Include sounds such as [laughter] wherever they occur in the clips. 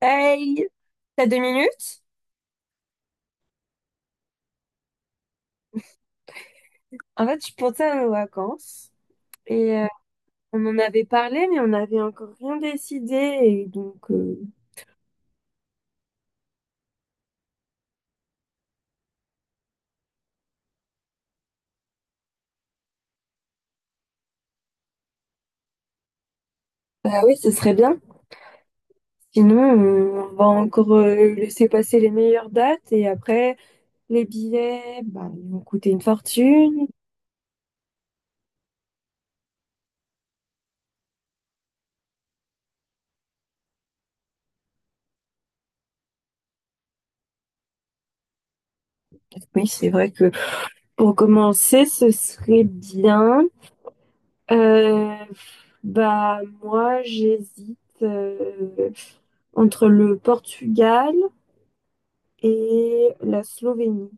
Hey, t'as deux minutes? En fait, je pensais à nos vacances et on en avait parlé, mais on n'avait encore rien décidé. Et bah oui, ce serait bien. Sinon, on va encore laisser passer les meilleures dates, et après, les billets, bah, ils vont coûter une fortune. Oui, c'est vrai que pour commencer, ce serait bien. Euh, Bah, moi, j'hésite entre le Portugal et la Slovénie.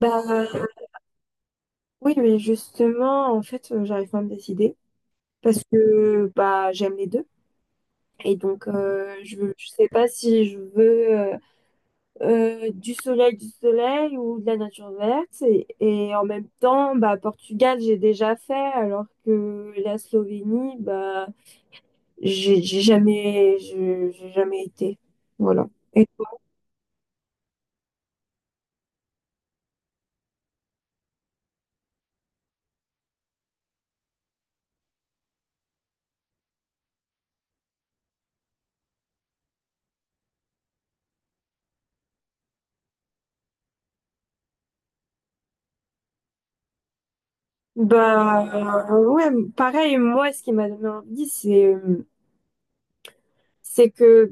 Bah oui, mais justement, en fait, j'arrive pas à me décider parce que bah j'aime les deux. Et donc je sais pas si je veux du soleil ou de la nature verte. Et en même temps, bah Portugal, j'ai déjà fait, alors que la Slovénie, bah j'ai jamais je- j'ai jamais été. Voilà. Et toi? Bah ouais, pareil, moi ce qui m'a donné envie, c'est que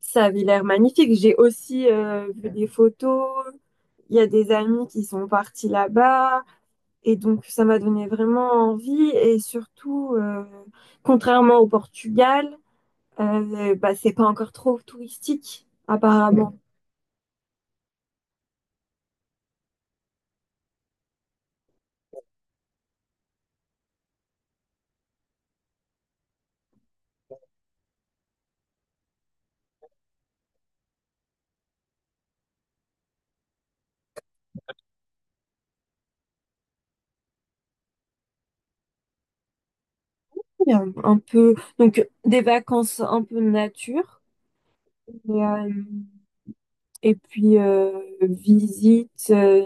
ça avait l'air magnifique. J'ai aussi vu des photos. Il y a des amis qui sont partis là-bas. Et donc, ça m'a donné vraiment envie. Et surtout, contrairement au Portugal, bah, c'est pas encore trop touristique, apparemment. Il y a un peu, donc, des vacances un peu nature. Et, euh, et visite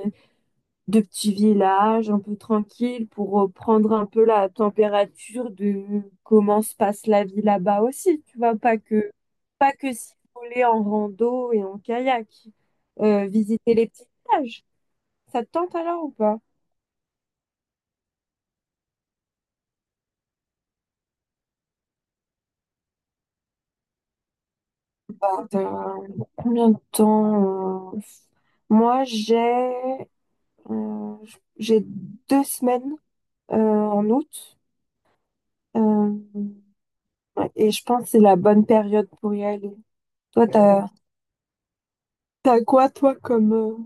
de petits villages un peu tranquilles pour prendre un peu la température de comment se passe la vie là-bas aussi, tu vois, pas que s'isoler en rando et en kayak. Visiter les petits villages. Ça te tente alors ou pas? Euh, combien de temps? Moi, euh, j'ai deux semaines en août, euh, ouais, et je pense que c'est la bonne période pour y aller. Toi, t'as quoi toi comme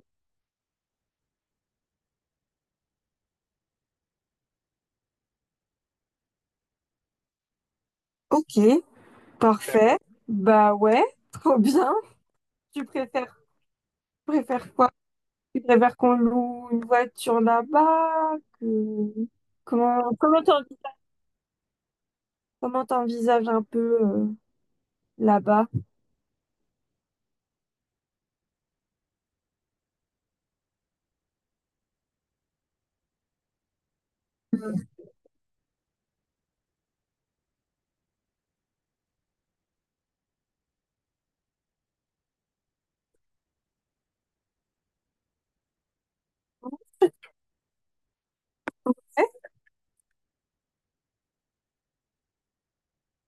Ok, parfait. Bah ouais, [laughs] trop bien. Tu préfères, préfères quoi? Tu préfères qu'on loue une voiture là-bas? Comment, comment t'en- comment t'envisages un peu là-bas?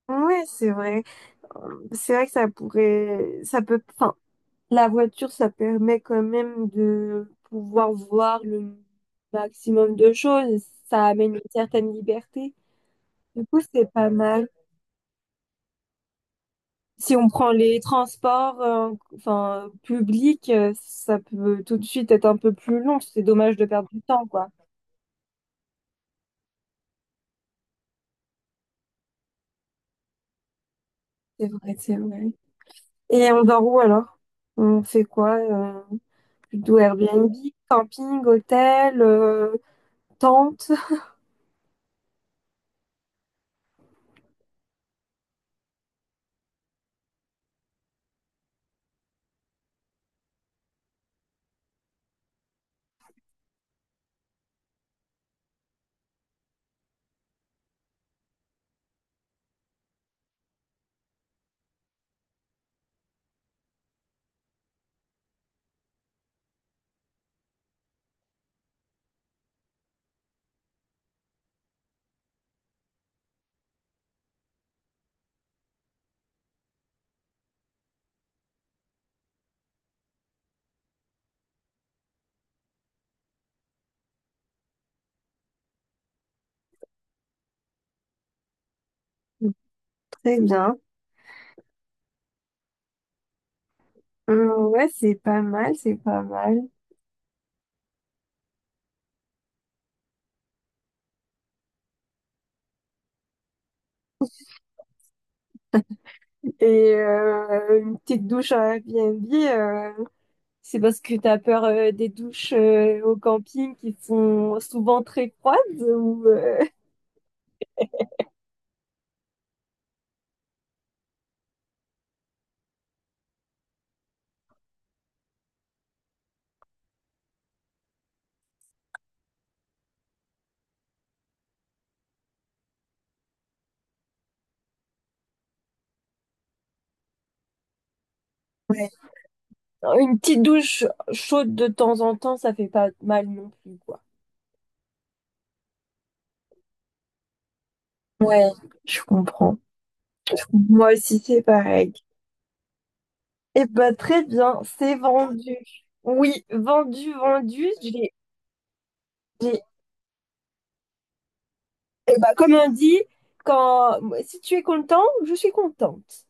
Ouais, ouais, c'est vrai. C'est vrai que ça peut, enfin, la voiture, ça permet quand même de pouvoir voir le maximum de choses. Ça amène une certaine liberté. Du coup, c'est pas mal. Si on prend les transports, enfin, publics, ça peut tout de suite être un peu plus long. C'est dommage de perdre du temps, quoi. C'est vrai, c'est vrai. Et on dort où alors? On fait quoi? Plutôt Airbnb, camping, hôtel, tente. Très bien. Ouais, c'est pas mal, c'est pas mal. Et une petite douche à Airbnb, c'est parce que t'as peur des douches au camping qui sont souvent très froides ou Ouais, une petite douche chaude de temps en temps, ça fait pas mal non plus, quoi. Ouais, je comprends. Moi aussi, c'est pareil. Eh ben, très bien, c'est vendu. Oui, vendu, vendu. J'ai... Eh ben, comme on dit, quand... si tu es content, je suis contente.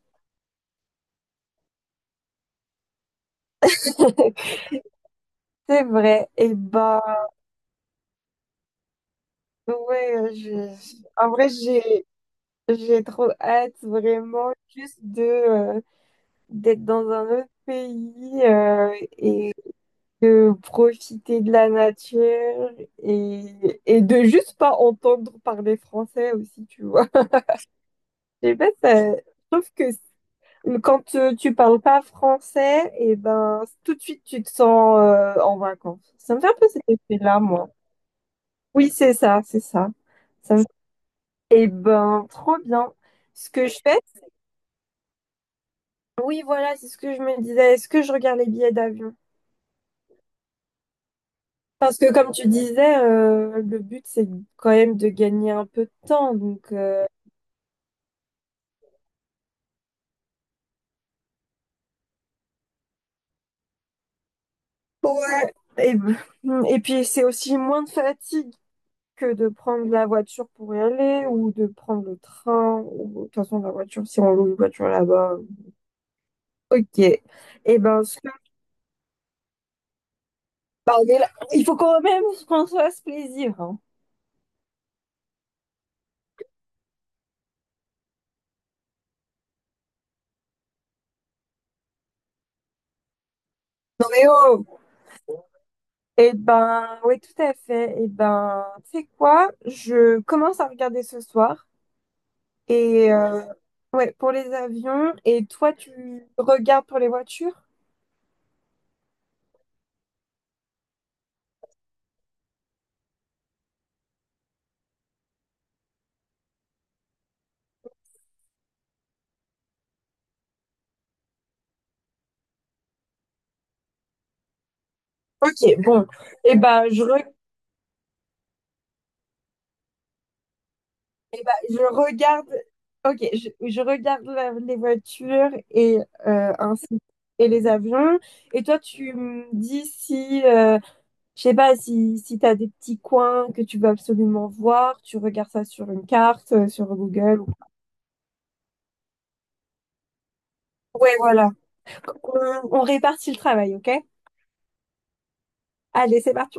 [laughs] C'est vrai. Et bah, ouais, je... en vrai, j'ai trop hâte vraiment juste de d'être dans un autre pays et de profiter de la nature et de juste pas entendre parler français aussi, tu vois. Je sais pas, je trouve que quand tu parles pas français, et ben tout de suite tu te sens en vacances. Ça me fait un peu cet effet-là, moi. Oui, c'est ça, c'est ça. Ça me... Eh ben, trop bien. Ce que je fais, oui, voilà, c'est ce que je me disais. Est-ce que je regarde les billets d'avion? Parce que comme tu disais, le but c'est quand même de gagner un peu de temps. Ouais. Et puis c'est aussi moins de fatigue que de prendre la voiture pour y aller ou de prendre le train ou de toute façon la voiture si on loue une voiture là-bas. Ok. Bah, il faut quand même [laughs] qu'on se fasse plaisir, hein. Non mais oh. Et ben oui tout à fait. Et ben tu sais quoi? Je commence à regarder ce soir et euh, ouais pour les avions, et toi tu regardes pour les voitures? Ok, bon. Eh ben, je, re- je regarde. Je regarde les voitures et ainsi et les avions. Et toi, tu me dis si, je sais pas, si t'as des petits coins que tu veux absolument voir, tu regardes ça sur une carte, sur Google. Ou... ouais, voilà. On répartit le travail, ok? Allez, c'est parti.